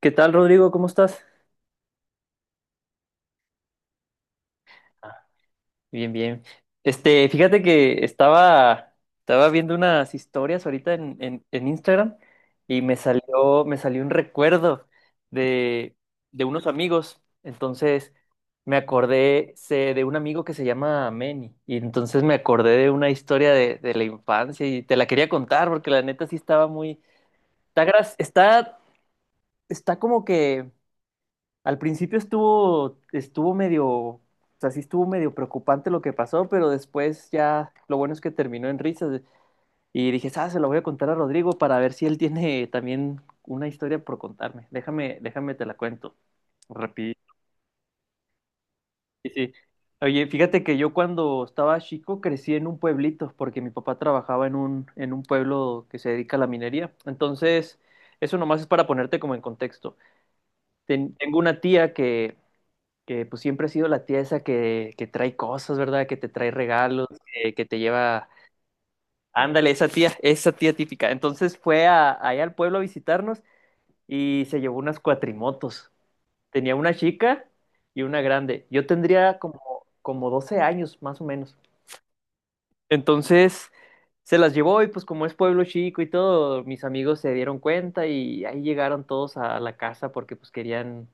¿Qué tal, Rodrigo? ¿Cómo estás? Ah, bien. Fíjate que estaba viendo unas historias ahorita en Instagram y me salió un recuerdo de, de unos amigos. Entonces me acordé sé, de un amigo que se llama Manny. Y entonces me acordé de una historia de la infancia y te la quería contar porque la neta sí estaba muy... Está, gra- está, está como que... Al principio estuvo medio, o sea, sí estuvo medio preocupante lo que pasó, pero después ya lo bueno es que terminó en risas y dije, ah, se lo voy a contar a Rodrigo para ver si él tiene también una historia por contarme. Déjame te la cuento. Rapidísimo. Sí, sí. Oye, fíjate que yo cuando estaba chico crecí en un pueblito porque mi papá trabajaba en un pueblo que se dedica a la minería. Entonces, eso nomás es para ponerte como en contexto. Tengo una tía que pues siempre ha sido la tía esa que trae cosas, ¿verdad? Que te trae regalos, que te lleva... Ándale, esa tía típica. Entonces fue allá al pueblo a visitarnos y se llevó unas cuatrimotos. Tenía una chica y una grande. Yo tendría como, como 12 años, más o menos. Entonces se las llevó y pues como es pueblo chico y todo, mis amigos se dieron cuenta y ahí llegaron todos a la casa porque pues querían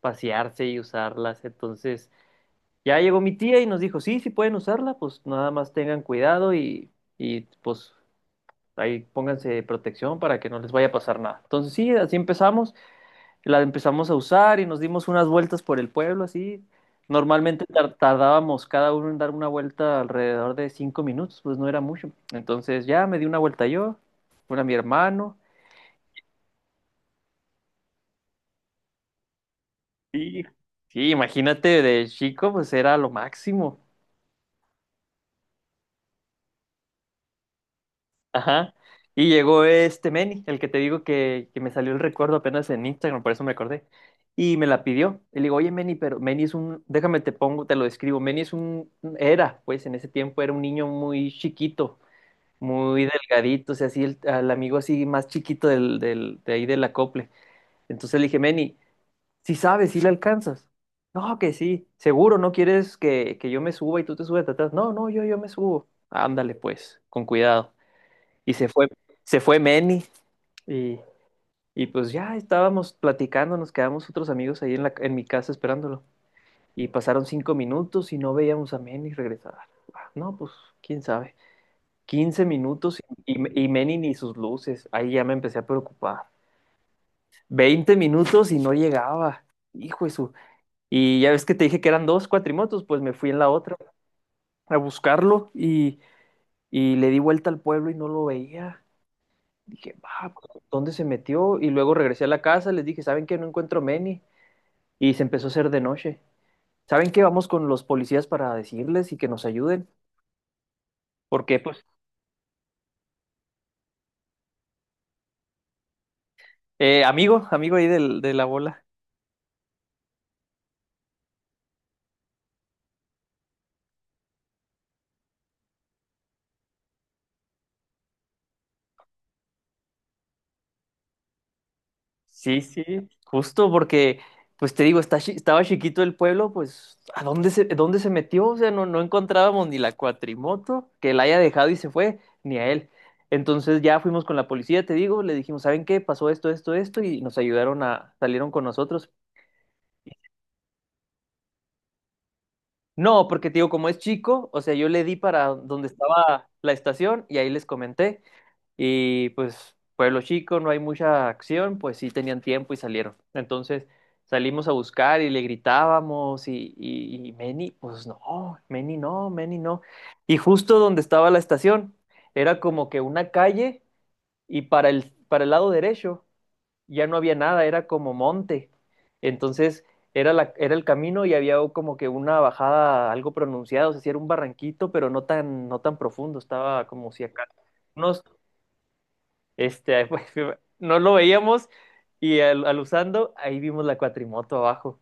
pasearse y usarlas. Entonces ya llegó mi tía y nos dijo, sí, sí pueden usarla, pues nada más tengan cuidado y pues ahí pónganse protección para que no les vaya a pasar nada. Entonces sí, así la empezamos a usar y nos dimos unas vueltas por el pueblo, así. Normalmente tardábamos cada uno en dar una vuelta alrededor de 5 minutos, pues no era mucho. Entonces ya me di una vuelta yo, una a mi hermano. Sí. Sí, imagínate de chico, pues era lo máximo. Ajá. Y llegó este Manny, el que te digo que me salió el recuerdo apenas en Instagram, por eso me acordé. Y me la pidió. Y le digo, oye, Manny, pero Manny es un, déjame te pongo, te lo describo. Era, pues en ese tiempo era un niño muy chiquito, muy delgadito, o sea, así el, al amigo así más chiquito de ahí del acople. Entonces le dije, Manny, si sabes, si le alcanzas. No, que sí, seguro, no quieres que yo me suba y tú te subes atrás. No, no, yo me subo. Ándale, pues, con cuidado. Y se fue, se fue Manny. Y, y pues ya estábamos platicando, nos quedamos otros amigos ahí en mi casa esperándolo. Y pasaron 5 minutos y no veíamos a Manny regresar. Ah, no, pues quién sabe. 15 minutos y Manny ni sus luces. Ahí ya me empecé a preocupar. 20 minutos y no llegaba. Hijo de su. Y ya ves que te dije que eran dos cuatrimotos, pues me fui en la otra a buscarlo y le di vuelta al pueblo y no lo veía. Dije, va, ¿dónde se metió? Y luego regresé a la casa, les dije, ¿saben qué? No encuentro a Manny. Y se empezó a hacer de noche. ¿Saben qué? Vamos con los policías para decirles y que nos ayuden. Porque, pues, amigo, amigo ahí del, de la bola. Sí, sí, justo porque, pues te digo, estaba chiquito el pueblo, pues, ¿a dónde se metió? O sea, no, no encontrábamos ni la cuatrimoto que la haya dejado y se fue, ni a él. Entonces ya fuimos con la policía, te digo, le dijimos, ¿saben qué? Pasó esto, esto, esto, y nos ayudaron a, salieron con nosotros. No, porque te digo, como es chico, o sea, yo le di para donde estaba la estación y ahí les comenté. Y pues, pueblo chico, no hay mucha acción, pues sí tenían tiempo y salieron. Entonces salimos a buscar y le gritábamos y Meni, pues no, Meni no, Meni no. Y justo donde estaba la estación, era como que una calle y para el lado derecho ya no había nada, era como monte. Entonces era el camino y había como que una bajada algo pronunciada, o sea, sí era un barranquito, pero no tan profundo, estaba como si acá unos, pues, no lo veíamos y al usando, ahí vimos la cuatrimoto abajo.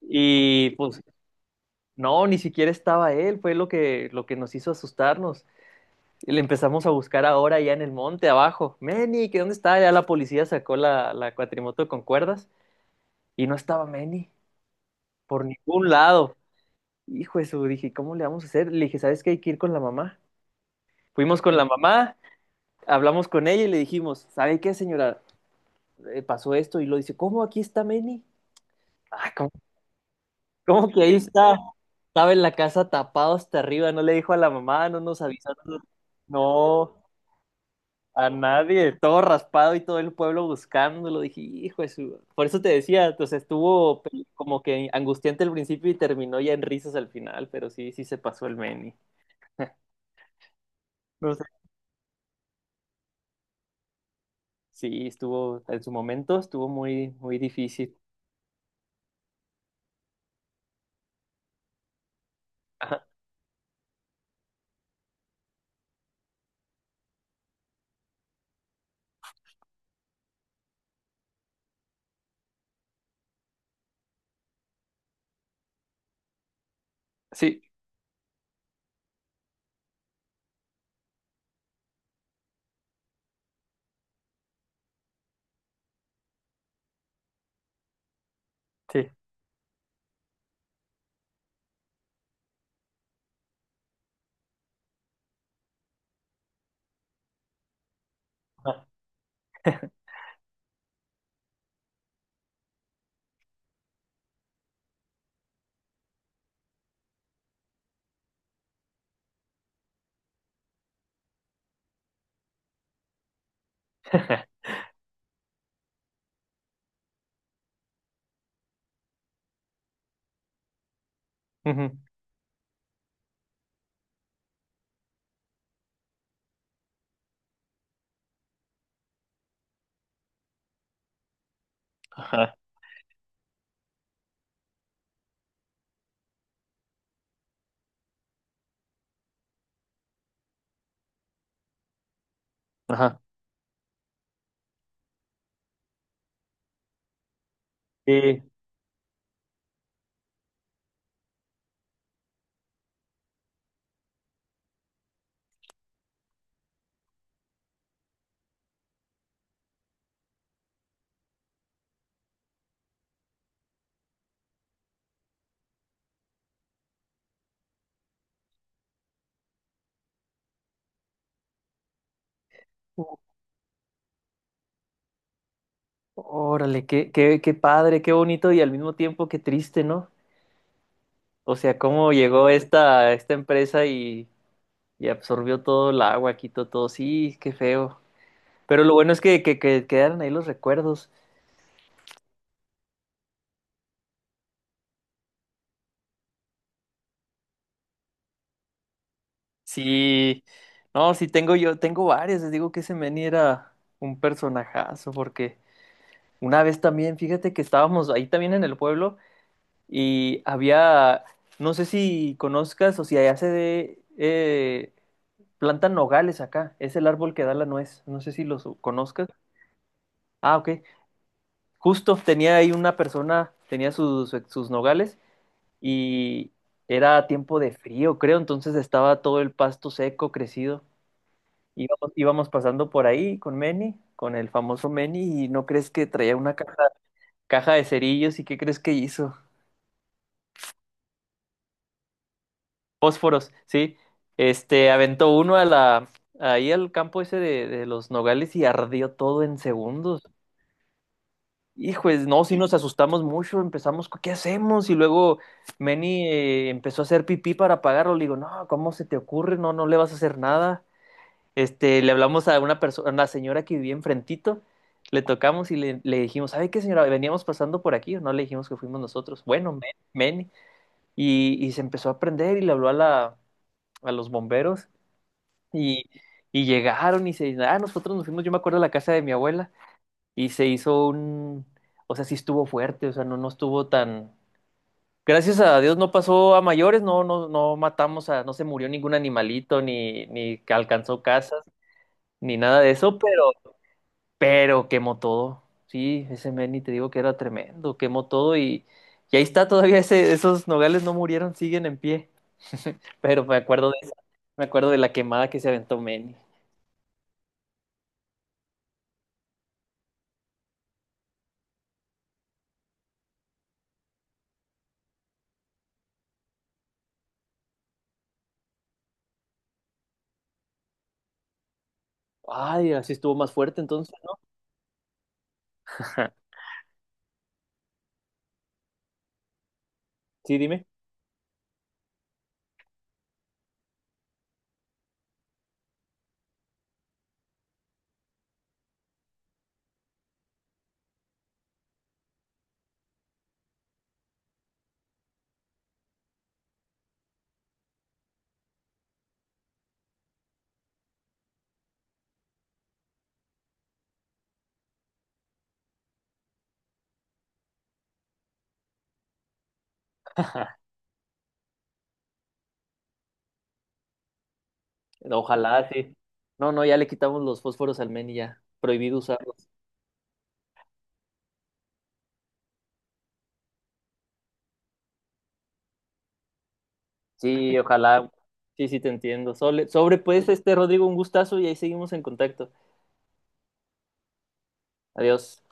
Y pues no, ni siquiera estaba él, fue lo lo que nos hizo asustarnos. Y le empezamos a buscar ahora ya en el monte abajo. Meni, ¿qué dónde está? Ya la policía sacó la cuatrimoto con cuerdas y no estaba Manny por ningún lado. Hijo de su, dije, ¿cómo le vamos a hacer? Le dije, ¿sabes qué? Hay que ir con la mamá. Fuimos con la mamá, hablamos con ella y le dijimos, ¿sabe qué, señora? Pasó esto y lo dice, ¿cómo aquí está Manny? Ah, ¿cómo que ahí está? Estaba en la casa tapado hasta arriba, no le dijo a la mamá, no nos avisó. No, no. A nadie, todo raspado y todo el pueblo buscándolo. Dije, hijo de su. Por eso te decía, entonces estuvo como que angustiante al principio y terminó ya en risas al final, pero sí, sí se pasó el Meni. No sé. Sí, estuvo, en su momento estuvo muy, muy difícil. Ajá, sí, sí. Ajá. Ujú. Ajá, ajá. Sí. Órale, qué, qué, qué padre, qué bonito y al mismo tiempo qué triste, ¿no? O sea, cómo llegó esta, esta empresa y absorbió todo el agua, quitó todo. Sí, qué feo. Pero lo bueno es que, que quedaron ahí los recuerdos. Sí, no, sí tengo yo, tengo varios. Les digo que ese Manny era un personajazo, porque una vez también, fíjate que estábamos ahí también en el pueblo y había, no sé si conozcas o si allá se de, plantan nogales acá. Es el árbol que da la nuez. No sé si los conozcas. Ah, ok. Justo tenía ahí una persona, tenía sus, sus nogales y era tiempo de frío, creo, entonces estaba todo el pasto seco, crecido. Íbamos, íbamos pasando por ahí con Manny, con el famoso Manny, y no crees que traía una caja, caja de cerillos, ¿y qué crees que hizo? Fósforos, sí. Aventó uno ahí al campo ese de los nogales y ardió todo en segundos. Hijo, no, sí nos asustamos mucho, empezamos, ¿qué hacemos? Y luego Manny empezó a hacer pipí para apagarlo. Le digo, no, ¿cómo se te ocurre? No, no le vas a hacer nada. Le hablamos a una persona, a una señora que vivía enfrentito, le tocamos y le dijimos, ¿sabe qué, señora? Veníamos pasando por aquí, no le dijimos que fuimos nosotros. Bueno, men, men. Y se empezó a aprender y le habló a los bomberos y, y llegaron y se, ah, nosotros nos fuimos, yo me acuerdo a la casa de mi abuela y se hizo un, o sea, sí estuvo fuerte, o sea, no estuvo tan, gracias a Dios no pasó a mayores, no, no, no matamos a, no se murió ningún animalito, ni, ni alcanzó casas, ni nada de eso, pero quemó todo. Sí, ese Manny te digo que era tremendo, quemó todo y ahí está todavía esos nogales no murieron, siguen en pie. Pero me acuerdo de me acuerdo de la quemada que se aventó Manny. Ay, así estuvo más fuerte entonces, ¿no? Ajá. Sí, dime. Ojalá, sí. No, no, ya le quitamos los fósforos al Manny ya, prohibido usarlos. Sí, ojalá. Sí, sí, te entiendo. Sobre, sobre pues, este Rodrigo, un gustazo y ahí seguimos en contacto. Adiós.